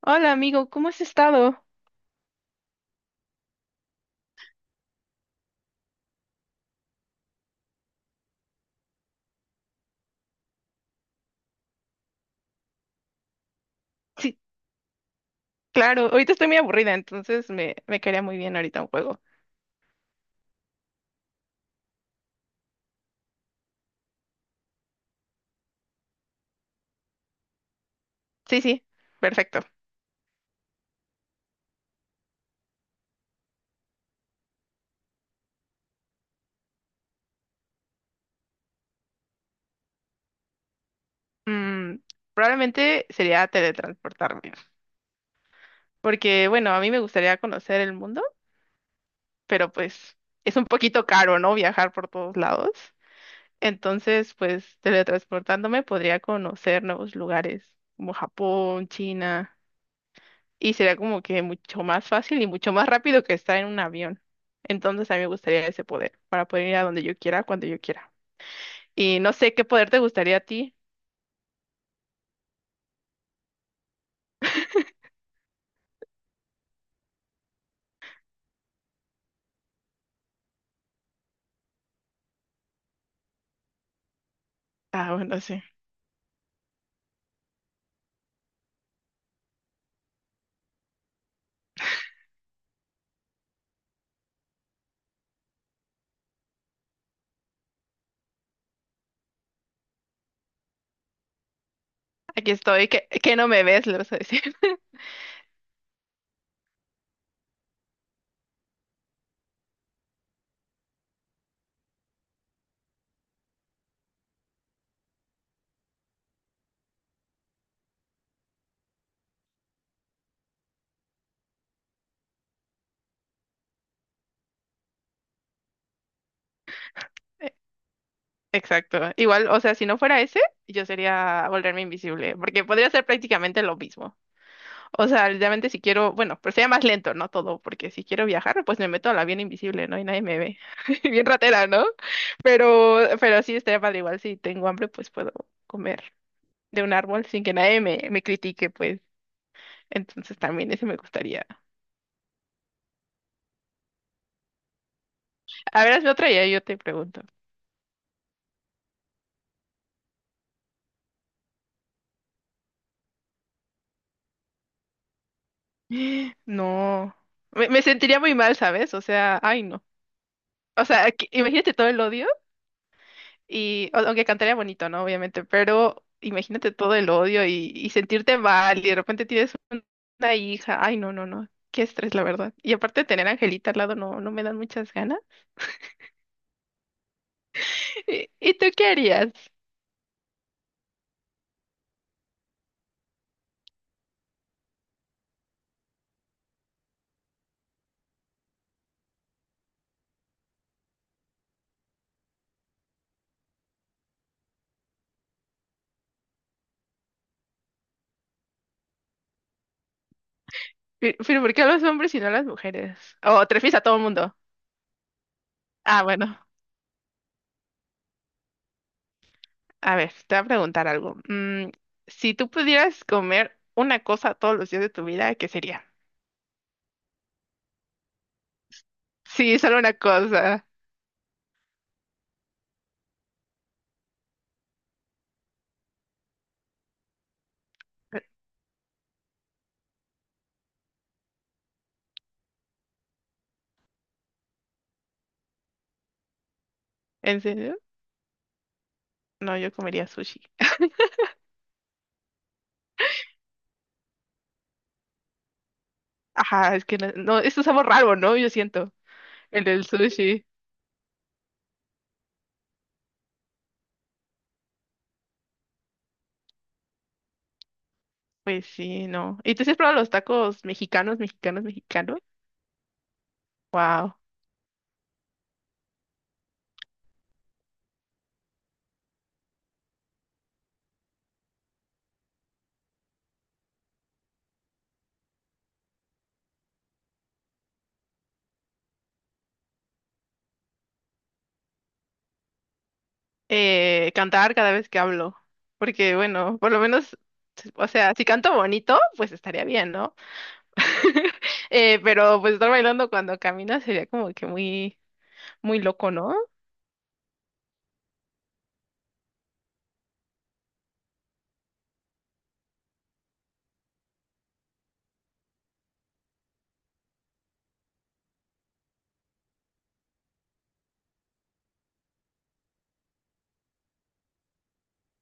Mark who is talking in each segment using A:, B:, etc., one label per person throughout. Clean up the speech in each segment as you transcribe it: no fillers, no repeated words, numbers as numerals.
A: Hola amigo, ¿cómo has estado? Sí, claro, ahorita estoy muy aburrida, entonces me caería muy bien ahorita un juego. Sí, sí, perfecto. Mm, Probablemente sería teletransportarme, porque bueno, a mí me gustaría conocer el mundo, pero pues es un poquito caro, ¿no? Viajar por todos lados. Entonces, pues teletransportándome podría conocer nuevos lugares como Japón, China. Y será como que mucho más fácil y mucho más rápido que estar en un avión. Entonces a mí me gustaría ese poder para poder ir a donde yo quiera, cuando yo quiera. Y no sé qué poder te gustaría a ti. Ah, bueno, sí. Aquí estoy, que no me ves, le vas a decir. Exacto. Igual, o sea, si no fuera ese, yo sería volverme invisible, porque podría ser prácticamente lo mismo. O sea, literalmente si quiero, bueno, pero sería más lento, ¿no? Todo, porque si quiero viajar, pues me meto al avión invisible, ¿no? Y nadie me ve. Bien ratera, ¿no? Pero sí estaría padre. Igual si tengo hambre, pues puedo comer de un árbol sin que nadie me critique, pues. Entonces también eso me gustaría. A ver, hazme otra y ahí yo te pregunto. No. Me sentiría muy mal, ¿sabes? O sea, ay, no. O sea, imagínate todo el odio. Aunque cantaría bonito, ¿no? Obviamente, pero imagínate todo el odio y sentirte mal y de repente una hija. Ay, no, no, no. Qué estrés, la verdad. Y aparte de tener a Angelita al lado, no me dan muchas ganas. ¿Y tú qué harías? Pero ¿por qué a los hombres y no a las mujeres? O te refieres a todo el mundo. Ah, bueno. A ver, te voy a preguntar algo. Si tú pudieras comer una cosa todos los días de tu vida, ¿qué sería? Sí, solo una cosa. ¿En serio? No, yo comería sushi. Ajá, es que no, no, esto es un sabor raro, ¿no? Yo siento. El del sushi. Pues sí, no. ¿Y tú sí has probado los tacos mexicanos, mexicanos, mexicanos? Wow. Cantar cada vez que hablo. Porque, bueno, por lo menos, o sea, si canto bonito, pues estaría bien, ¿no? Pero pues estar bailando cuando caminas sería como que muy, muy loco, ¿no?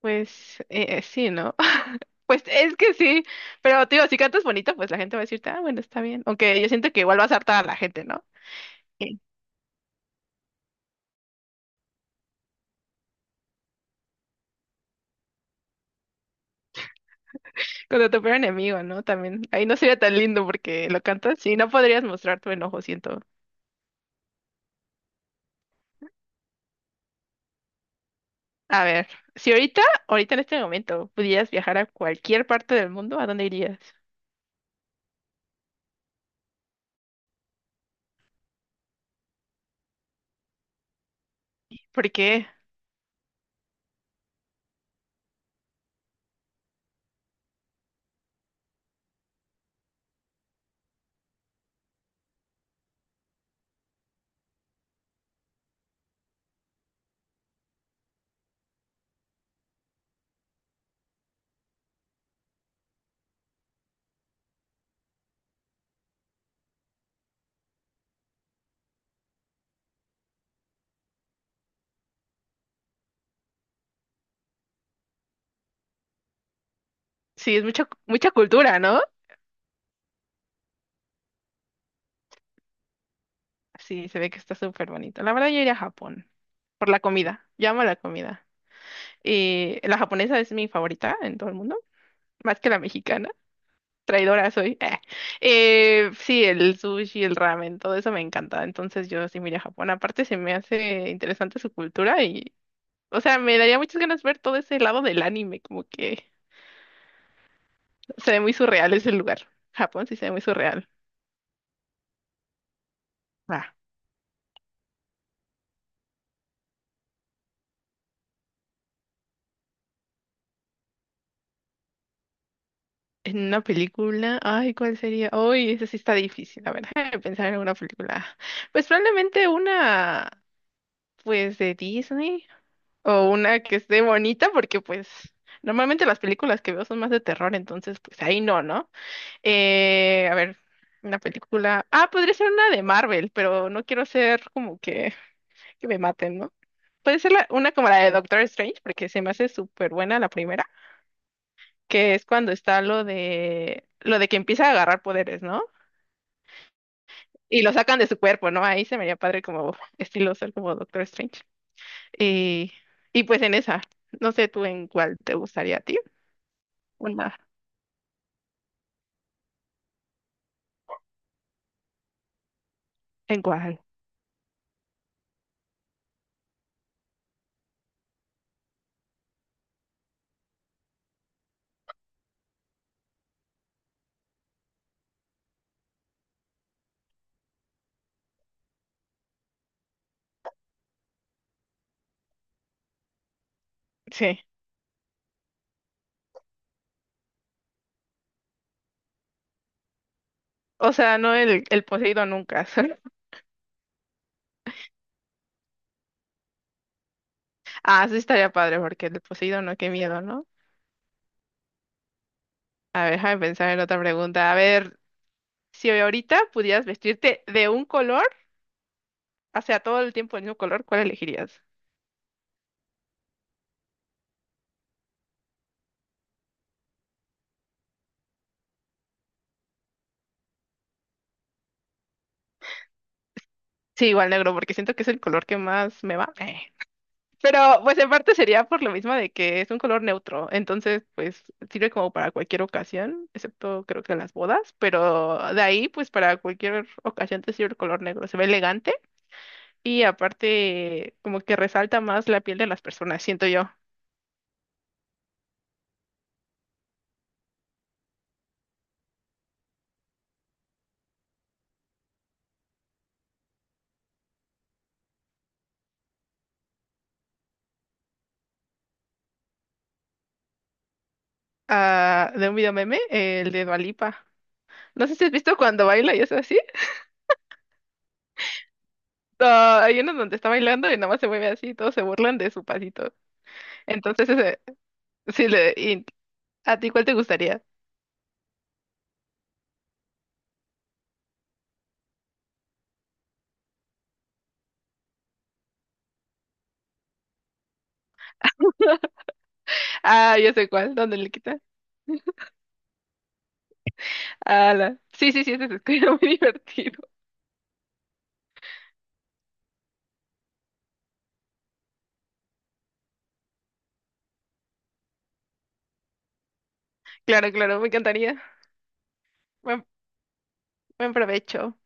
A: Pues sí, ¿no? Pues es que sí, pero te digo, si cantas bonito, pues la gente va a decirte, ah, bueno, está bien. Aunque yo siento que igual vas a hartar a la gente, ¿no? Cuando tu peor enemigo, ¿no? También. Ahí no sería tan lindo porque lo cantas. Sí, no podrías mostrar tu enojo, siento. A ver, si ahorita, ahorita en este momento, pudieras viajar a cualquier parte del mundo, ¿a dónde irías? ¿Por qué? Sí, es mucha, mucha cultura, ¿no? Sí, se ve que está súper bonito. La verdad, yo iría a Japón. Por la comida. Yo amo la comida. Y la japonesa es mi favorita en todo el mundo, más que la mexicana. Traidora soy. Sí, el sushi, el ramen, todo eso me encanta. Entonces yo sí miré a Japón. Aparte se me hace interesante su cultura y, o sea, me daría muchas ganas ver todo ese lado del anime, como que se ve muy surreal ese lugar. Japón sí se ve muy surreal. Ah, en una película, ay, ¿cuál sería? Uy, esa sí está difícil, a ver, déjame pensar en una película. Pues probablemente una, pues de Disney. O una que esté bonita, porque pues normalmente las películas que veo son más de terror, entonces pues ahí no, ¿no? A ver, una película. Ah, podría ser una de Marvel, pero no quiero ser como que me maten, ¿no? Puede ser una como la de Doctor Strange, porque se me hace súper buena la primera, que es cuando está lo de que empieza a agarrar poderes, ¿no? Y lo sacan de su cuerpo, ¿no? Ahí se me haría padre como estilo ser como Doctor Strange. Y, y pues en esa, no sé tú en cuál te gustaría a ti. Una igual, sí. O sea, no el Poseidón nunca. Ah, sí estaría padre porque el Poseidón no, qué miedo, ¿no? A ver, déjame pensar en otra pregunta. A ver, si ahorita pudieras vestirte de un color, o sea, todo el tiempo del mismo color, ¿cuál elegirías? Sí, igual negro, porque siento que es el color que más me va. Pero pues en parte sería por lo mismo de que es un color neutro, entonces pues sirve como para cualquier ocasión, excepto creo que las bodas, pero de ahí pues para cualquier ocasión te sirve el color negro, se ve elegante. Y aparte, como que resalta más la piel de las personas, siento yo. Ah, de un video meme, el de Dua Lipa. No sé si has visto cuando baila y es así. Ah, hay uno donde está bailando y nada más se mueve así y todos se burlan de su pasito. Entonces, sí, le, y- ¿a ti cuál te gustaría? Ah, yo sé cuál, ¿dónde le quita? Ah, sí, sí, sí, ese es muy divertido. Claro, claro, me encantaría. Buen, buen provecho.